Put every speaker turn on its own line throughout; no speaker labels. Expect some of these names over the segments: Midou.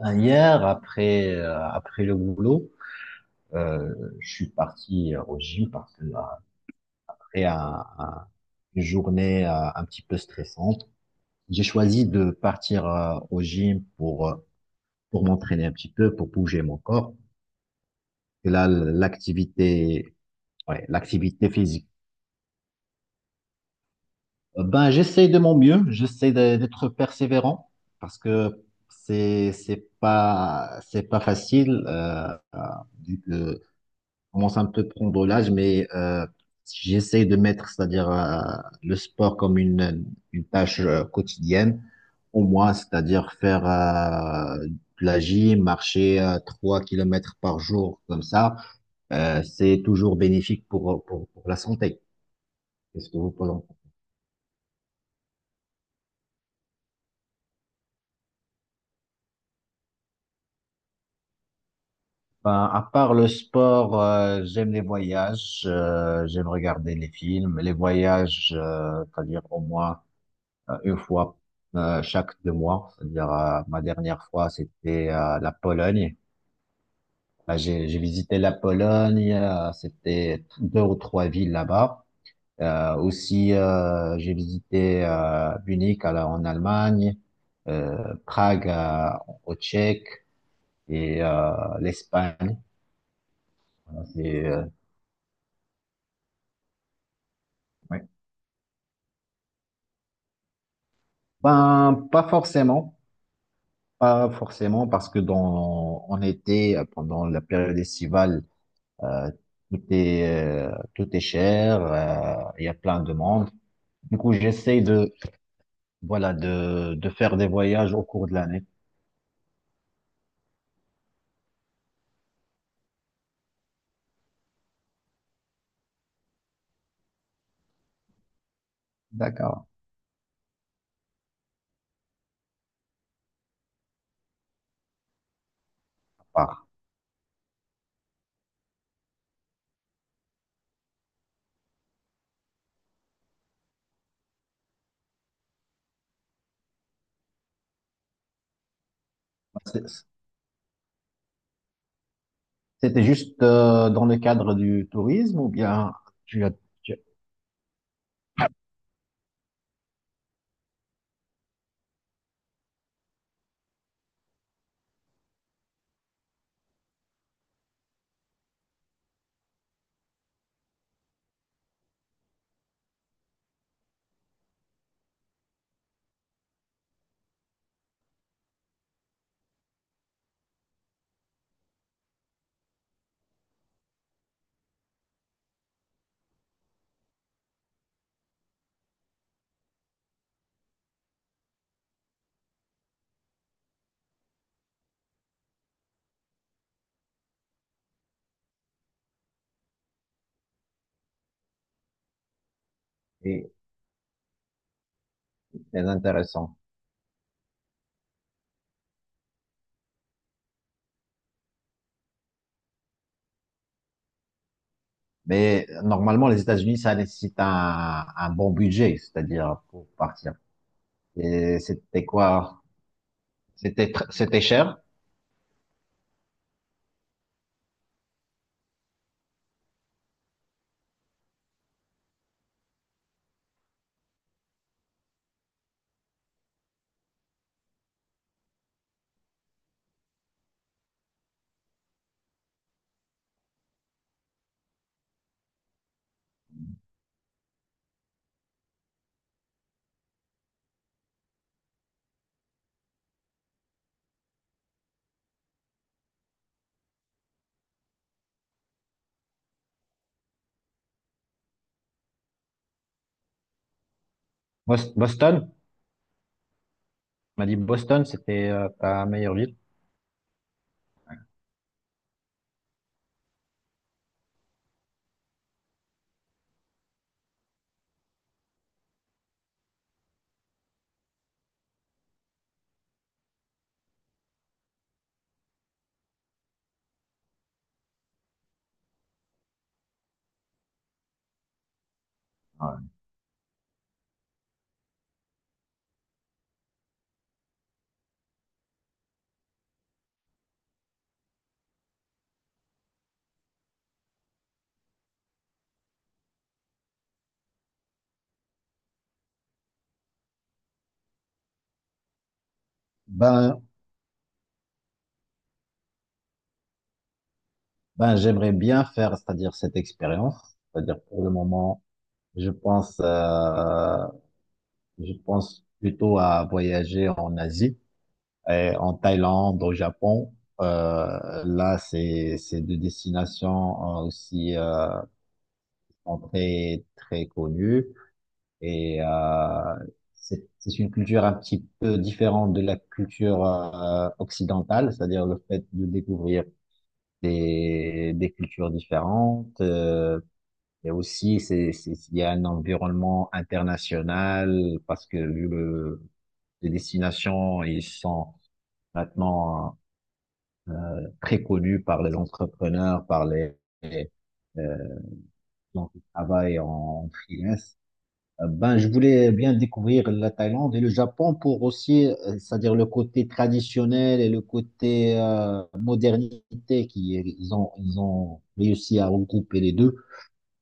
Hier, après, après le boulot, euh, je suis parti au gym parce que après une journée un petit peu stressante, j'ai choisi de partir au gym pour m'entraîner un petit peu, pour bouger mon corps. Et là, l'activité, ouais, l'activité physique. J'essaie de mon mieux, j'essaie d'être persévérant parce que c'est pas facile, euh, vu que commence un peu à prendre l'âge, mais j'essaie de mettre, c'est-à-dire le sport comme une tâche quotidienne, au moins, c'est-à-dire faire de la gym, marcher 3 kilomètres par jour, comme ça, c'est toujours bénéfique pour la santé. Qu'est-ce que vous pensez? Ben, à part le sport, j'aime les voyages, j'aime regarder les films, les voyages, c'est-à-dire au moins une fois chaque deux mois. C'est-à-dire, ma dernière fois, c'était la Pologne. Là, j'ai visité la Pologne. C'était deux ou trois villes là-bas. J'ai visité Munich en Allemagne, Prague, au Tchèque et l'Espagne. Voilà, ouais. Ben, pas forcément, pas forcément, parce que en été, pendant la période estivale, Euh, tout est, tout est cher, il y a plein de monde. Du coup, voilà, de faire des voyages au cours de l'année. D'accord. Par- c'est- C'était juste dans le cadre du tourisme ou bien tu as, tu as- et c'est intéressant. Mais normalement, les États-Unis, ça nécessite un bon budget, c'est-à-dire pour partir. Et c'était quoi? C'était, c'était cher? Boston? On m'a dit Boston, c'était ta meilleure ville? Ben, ben, j'aimerais bien faire, c'est-à-dire cette expérience. C'est-à-dire pour le moment, je pense, euh, je pense plutôt à voyager en Asie, et en Thaïlande, au Japon. Là, c'est deux destinations aussi, qui sont très très connues et c'est une culture un petit peu différente de la culture occidentale, c'est-à-dire le fait de découvrir des cultures différentes. Et aussi, il y a un environnement international parce que les destinations, ils sont maintenant très connus par les entrepreneurs, par les, euh, gens qui travaillent en freelance. Je voulais bien découvrir la Thaïlande et le Japon pour aussi, c'est-à-dire le côté traditionnel et le côté modernité qui ils ont réussi à regrouper les deux.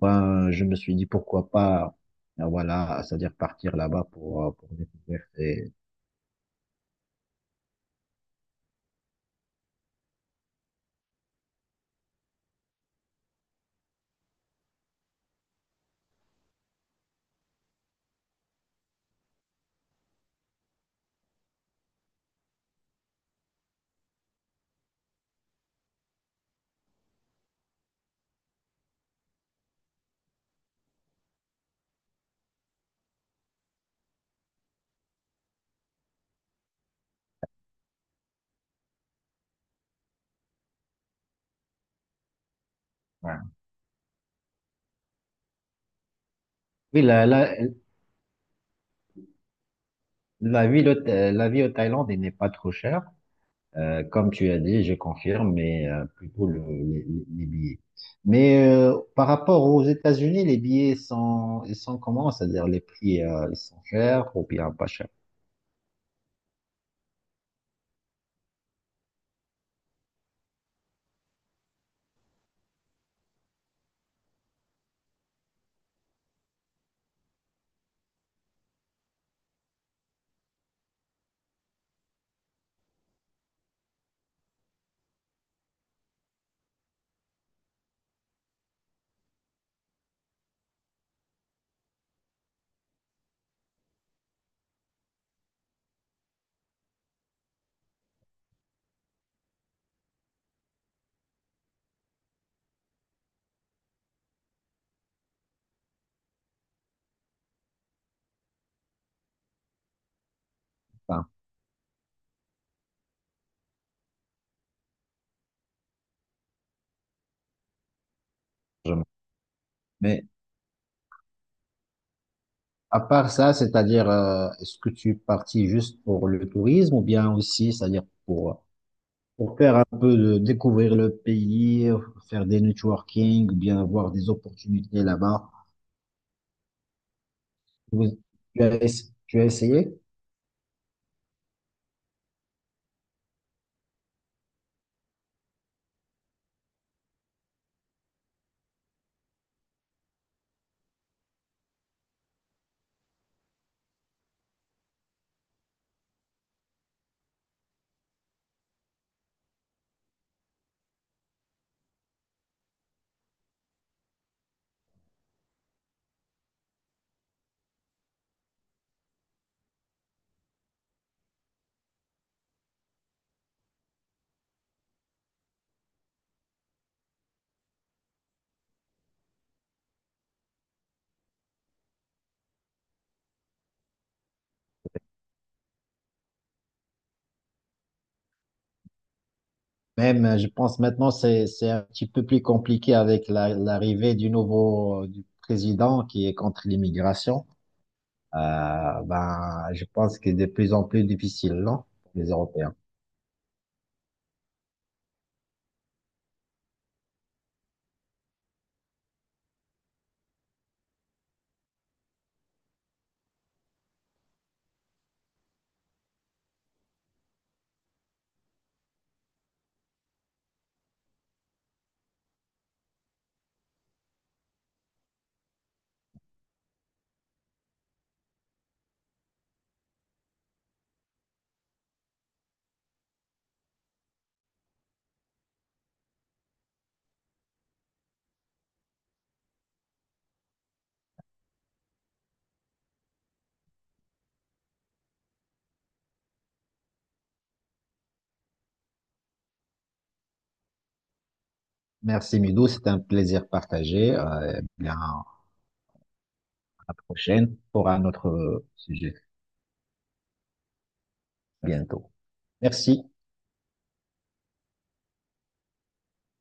Ben, je me suis dit pourquoi pas, voilà, c'est-à-dire partir là-bas pour découvrir. Voilà. Oui, la vie, la vie au Thaïlande, elle n'est pas trop chère. Comme tu as dit, je confirme, mais plutôt les billets. Mais par rapport aux États-Unis, les billets sont, ils sont comment? C'est-à-dire les prix, ils sont chers ou bien pas chers? Enfin, je- Mais à part ça, c'est-à-dire, est-ce que tu es parti juste pour le tourisme ou bien aussi, c'est-à-dire pour faire un peu de découvrir le pays, faire des networking, ou bien avoir des opportunités là-bas. Vous- Tu as, tu as essayé? Même, je pense maintenant, c'est un petit peu plus compliqué avec l'arrivée du nouveau du président qui est contre l'immigration. Je pense que c'est de plus en plus difficile, non, pour les Européens. Merci, Midou, c'est un plaisir partagé. Et bien, à la prochaine pour un autre sujet. À bientôt. Merci.